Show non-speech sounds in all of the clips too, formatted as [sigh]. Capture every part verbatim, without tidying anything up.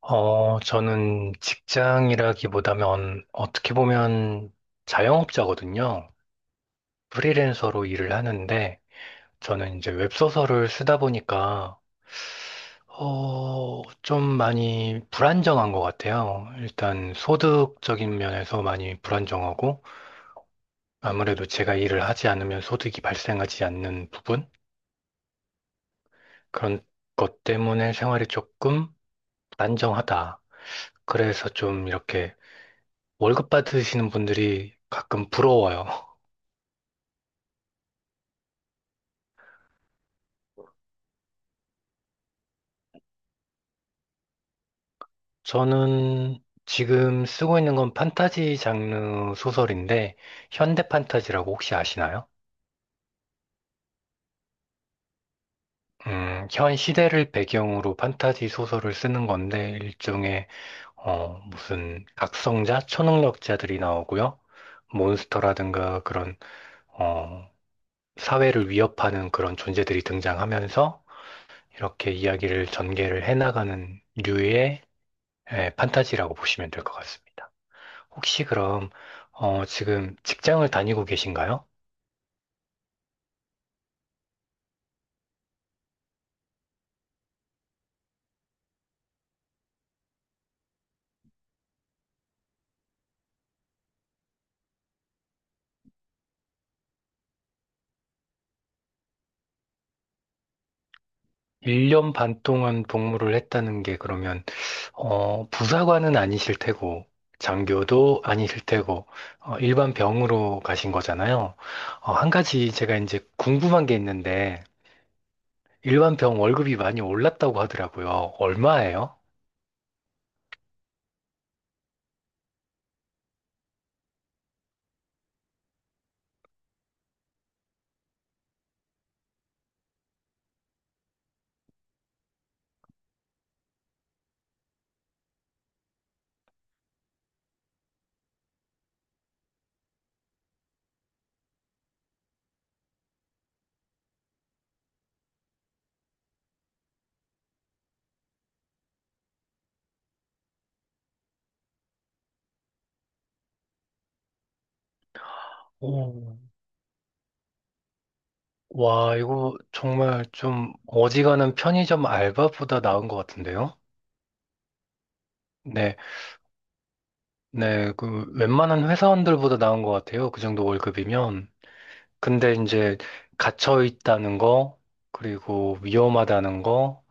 어, 저는 직장이라기보다는 어떻게 보면 자영업자거든요. 프리랜서로 일을 하는데 저는 이제 웹소설을 쓰다 보니까 어, 좀 많이 불안정한 것 같아요. 일단 소득적인 면에서 많이 불안정하고 아무래도 제가 일을 하지 않으면 소득이 발생하지 않는 부분 그런 것 때문에 생활이 조금 불안정하다. 그래서 좀 이렇게 월급 받으시는 분들이 가끔 부러워요. 저는 지금 쓰고 있는 건 판타지 장르 소설인데, 현대 판타지라고 혹시 아시나요? 음, 현 시대를 배경으로 판타지 소설을 쓰는 건데, 일종의, 어, 무슨 각성자, 초능력자들이 나오고요. 몬스터라든가 그런, 어, 사회를 위협하는 그런 존재들이 등장하면서, 이렇게 이야기를 전개를 해나가는 류의 예, 판타지라고 보시면 될 것 같습니다. 혹시 그럼, 어, 지금 직장을 다니고 계신가요? 일 년 반 동안 복무를 했다는 게 그러면, 어, 부사관은 아니실 테고, 장교도 아니실 테고, 어, 일반 병으로 가신 거잖아요. 어, 한 가지 제가 이제 궁금한 게 있는데, 일반 병 월급이 많이 올랐다고 하더라고요. 얼마예요? 오. 와, 이거 정말 좀 어지간한 편의점 알바보다 나은 것 같은데요? 네. 네, 그 웬만한 회사원들보다 나은 것 같아요. 그 정도 월급이면. 근데 이제 갇혀 있다는 거, 그리고 위험하다는 거,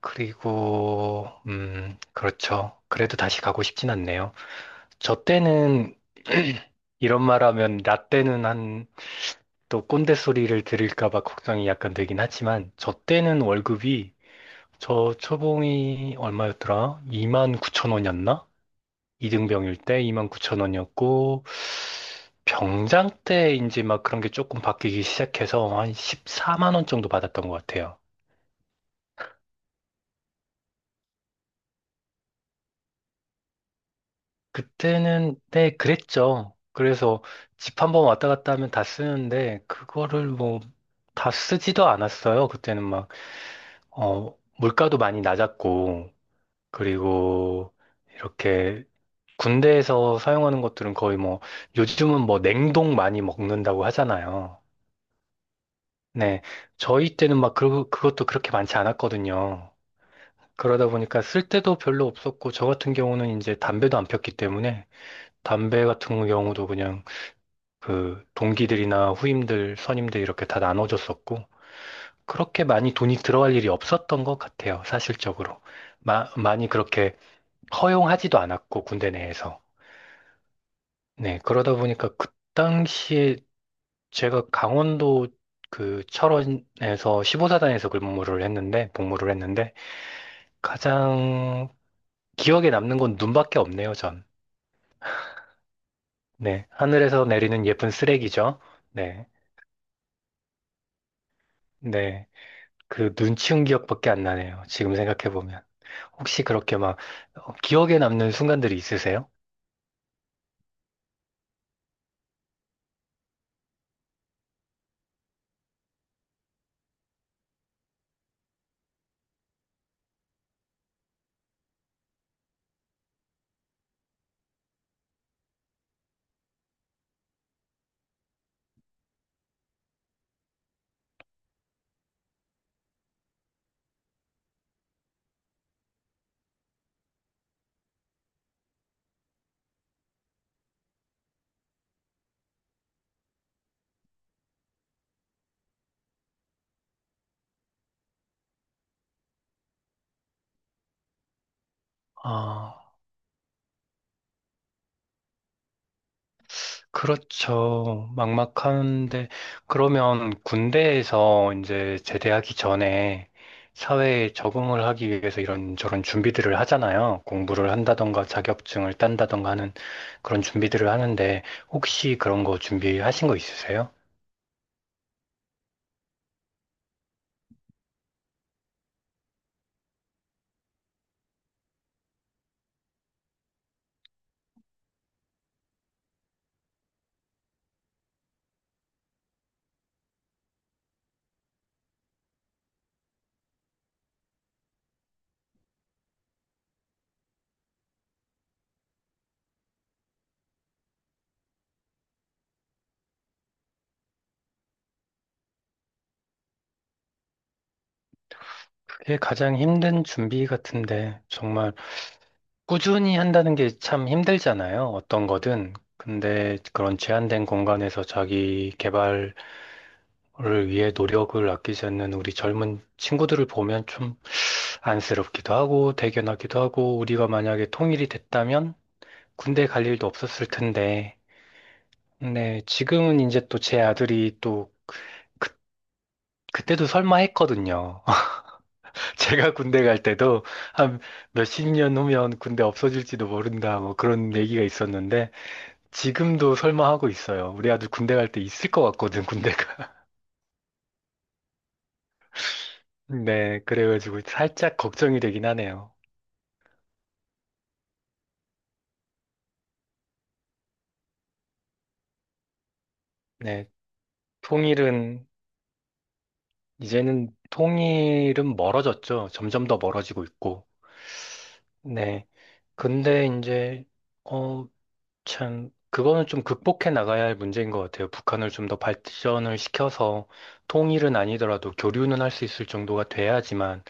그리고 음, 그렇죠. 그래도 다시 가고 싶진 않네요. 저 때는 [clears throat] 이런 말 하면 나 때는 한 또 꼰대 소리를 들을까 봐 걱정이 약간 되긴 하지만 저 때는 월급이, 저 초봉이 얼마였더라? 이만 구천 원이었나? 이등병일 때 이만 구천 원이었고, 병장 때인지 막 그런 게 조금 바뀌기 시작해서 한 십사만 원 정도 받았던 것 같아요. 그때는, 네, 그랬죠. 그래서 집 한 번 왔다 갔다 하면 다 쓰는데, 그거를 뭐, 다 쓰지도 않았어요. 그때는 막, 어, 물가도 많이 낮았고, 그리고 이렇게 군대에서 사용하는 것들은 거의 뭐, 요즘은 뭐 냉동 많이 먹는다고 하잖아요. 네. 저희 때는 막 그, 그것도 그렇게 많지 않았거든요. 그러다 보니까 쓸 때도 별로 없었고, 저 같은 경우는 이제 담배도 안 폈기 때문에, 담배 같은 경우도 그냥 그 동기들이나 후임들, 선임들 이렇게 다 나눠줬었고, 그렇게 많이 돈이 들어갈 일이 없었던 것 같아요, 사실적으로. 마- 많이 그렇게 허용하지도 않았고, 군대 내에서. 네. 그러다 보니까 그 당시에 제가 강원도 그 철원에서 십오 사단에서 근무를 했는데, 복무를 했는데, 가장 기억에 남는 건 눈밖에 없네요, 전. 네. 하늘에서 내리는 예쁜 쓰레기죠. 네. 네. 그 눈치운 기억밖에 안 나네요. 지금 생각해보면. 혹시 그렇게 막 어, 기억에 남는 순간들이 있으세요? 아, 그렇죠. 막막한데, 그러면 군대에서 이제 제대하기 전에 사회에 적응을 하기 위해서 이런저런 준비들을 하잖아요. 공부를 한다던가 자격증을 딴다던가 하는 그런 준비들을 하는데, 혹시 그런 거 준비하신 거 있으세요? 그게 가장 힘든 준비 같은데, 정말 꾸준히 한다는 게 참 힘들잖아요. 어떤 거든. 근데 그런 제한된 공간에서 자기 개발 를 위해 노력을 아끼지 않는 우리 젊은 친구들을 보면 좀 안쓰럽기도 하고 대견하기도 하고, 우리가 만약에 통일이 됐다면 군대 갈 일도 없었을 텐데. 네. 지금은 이제 또 제 아들이 또 그, 그때도 설마 했거든요. [laughs] 제가 군대 갈 때도 한 몇 십 년 후면 군대 없어질지도 모른다 뭐 그런 얘기가 있었는데, 지금도 설마 하고 있어요. 우리 아들 군대 갈 때 있을 것 같거든, 군대가. [laughs] 네. 그래가지고 살짝 걱정이 되긴 하네요. 네. 통일은, 이제는 통일은 멀어졌죠. 점점 더 멀어지고 있고. 네. 근데 이제 어 참 그거는 좀 극복해 나가야 할 문제인 것 같아요. 북한을 좀 더 발전을 시켜서 통일은 아니더라도 교류는 할 수 있을 정도가 돼야지만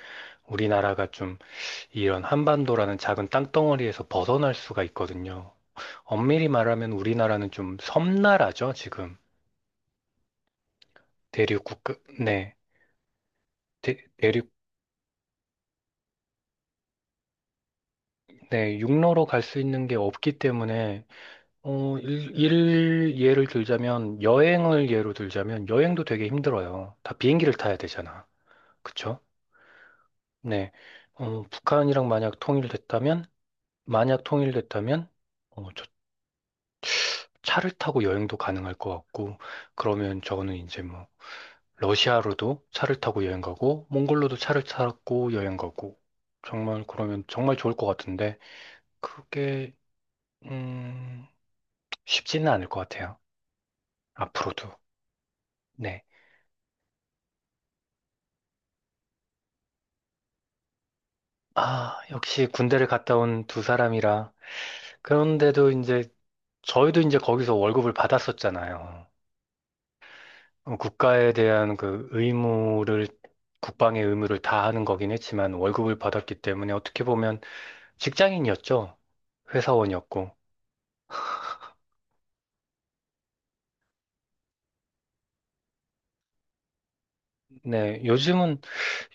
우리나라가 좀 이런 한반도라는 작은 땅덩어리에서 벗어날 수가 있거든요. 엄밀히 말하면 우리나라는 좀 섬나라죠, 지금. 대륙 국. 네. 대, 륙. 네, 육로로 갈 수 있는 게 없기 때문에, 어, 일, 일 예를 들자면, 여행을 예로 들자면, 여행도 되게 힘들어요. 다 비행기를 타야 되잖아. 그쵸? 네. 어, 북한이랑 만약 통일됐다면, 만약 통일됐다면, 어, 저 차를 타고 여행도 가능할 것 같고, 그러면 저는 이제 뭐, 러시아로도 차를 타고 여행 가고, 몽골로도 차를 타고 여행 가고, 정말 그러면 정말 좋을 것 같은데, 그게, 음, 쉽지는 않을 것 같아요. 앞으로도. 네. 아, 역시 군대를 갔다 온 두 사람이라. 그런데도 이제 저희도 이제 거기서 월급을 받았었잖아요. 어, 국가에 대한 그 의무를, 국방의 의무를 다하는 거긴 했지만 월급을 받았기 때문에 어떻게 보면 직장인이었죠. 회사원이었고. 네, 요즘은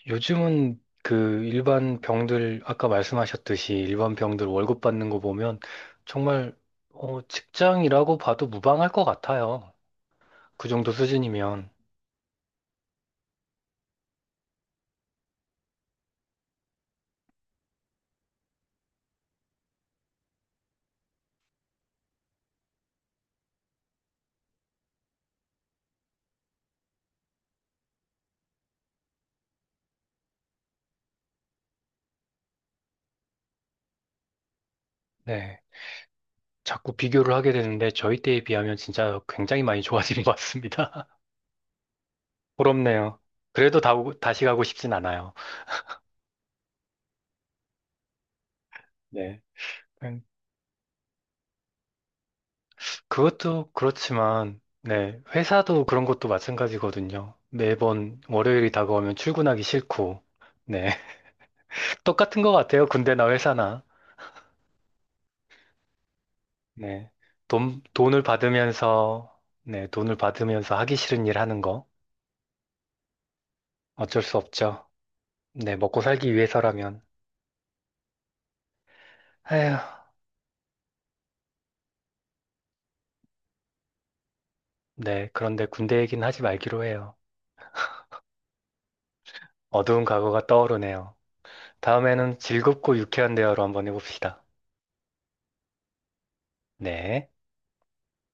요즘은 그 일반 병들 아까 말씀하셨듯이 일반 병들 월급 받는 거 보면 정말 어, 직장이라고 봐도 무방할 것 같아요. 그 정도 수준이면. 네. 자꾸 비교를 하게 되는데, 저희 때에 비하면 진짜 굉장히 많이 좋아진 것 같습니다. [laughs] 부럽네요. 그래도 다, 오- 다시 가고 싶진 않아요. 네. 음, 그것도 그렇지만, 네. 회사도 그런 것도 마찬가지거든요. 매번 월요일이 다가오면 출근하기 싫고, 네. [laughs] 똑같은 것 같아요. 군대나 회사나. 네. 돈, 돈을 받으면서, 네. 돈을 받으면서 하기 싫은 일 하는 거. 어쩔 수 없죠. 네. 먹고 살기 위해서라면. 에휴. 네, 그런데 군대 얘기는 하지 말기로 해요. 어두운 과거가 떠오르네요. 다음에는 즐겁고 유쾌한 대화로 한번 해봅시다. 네.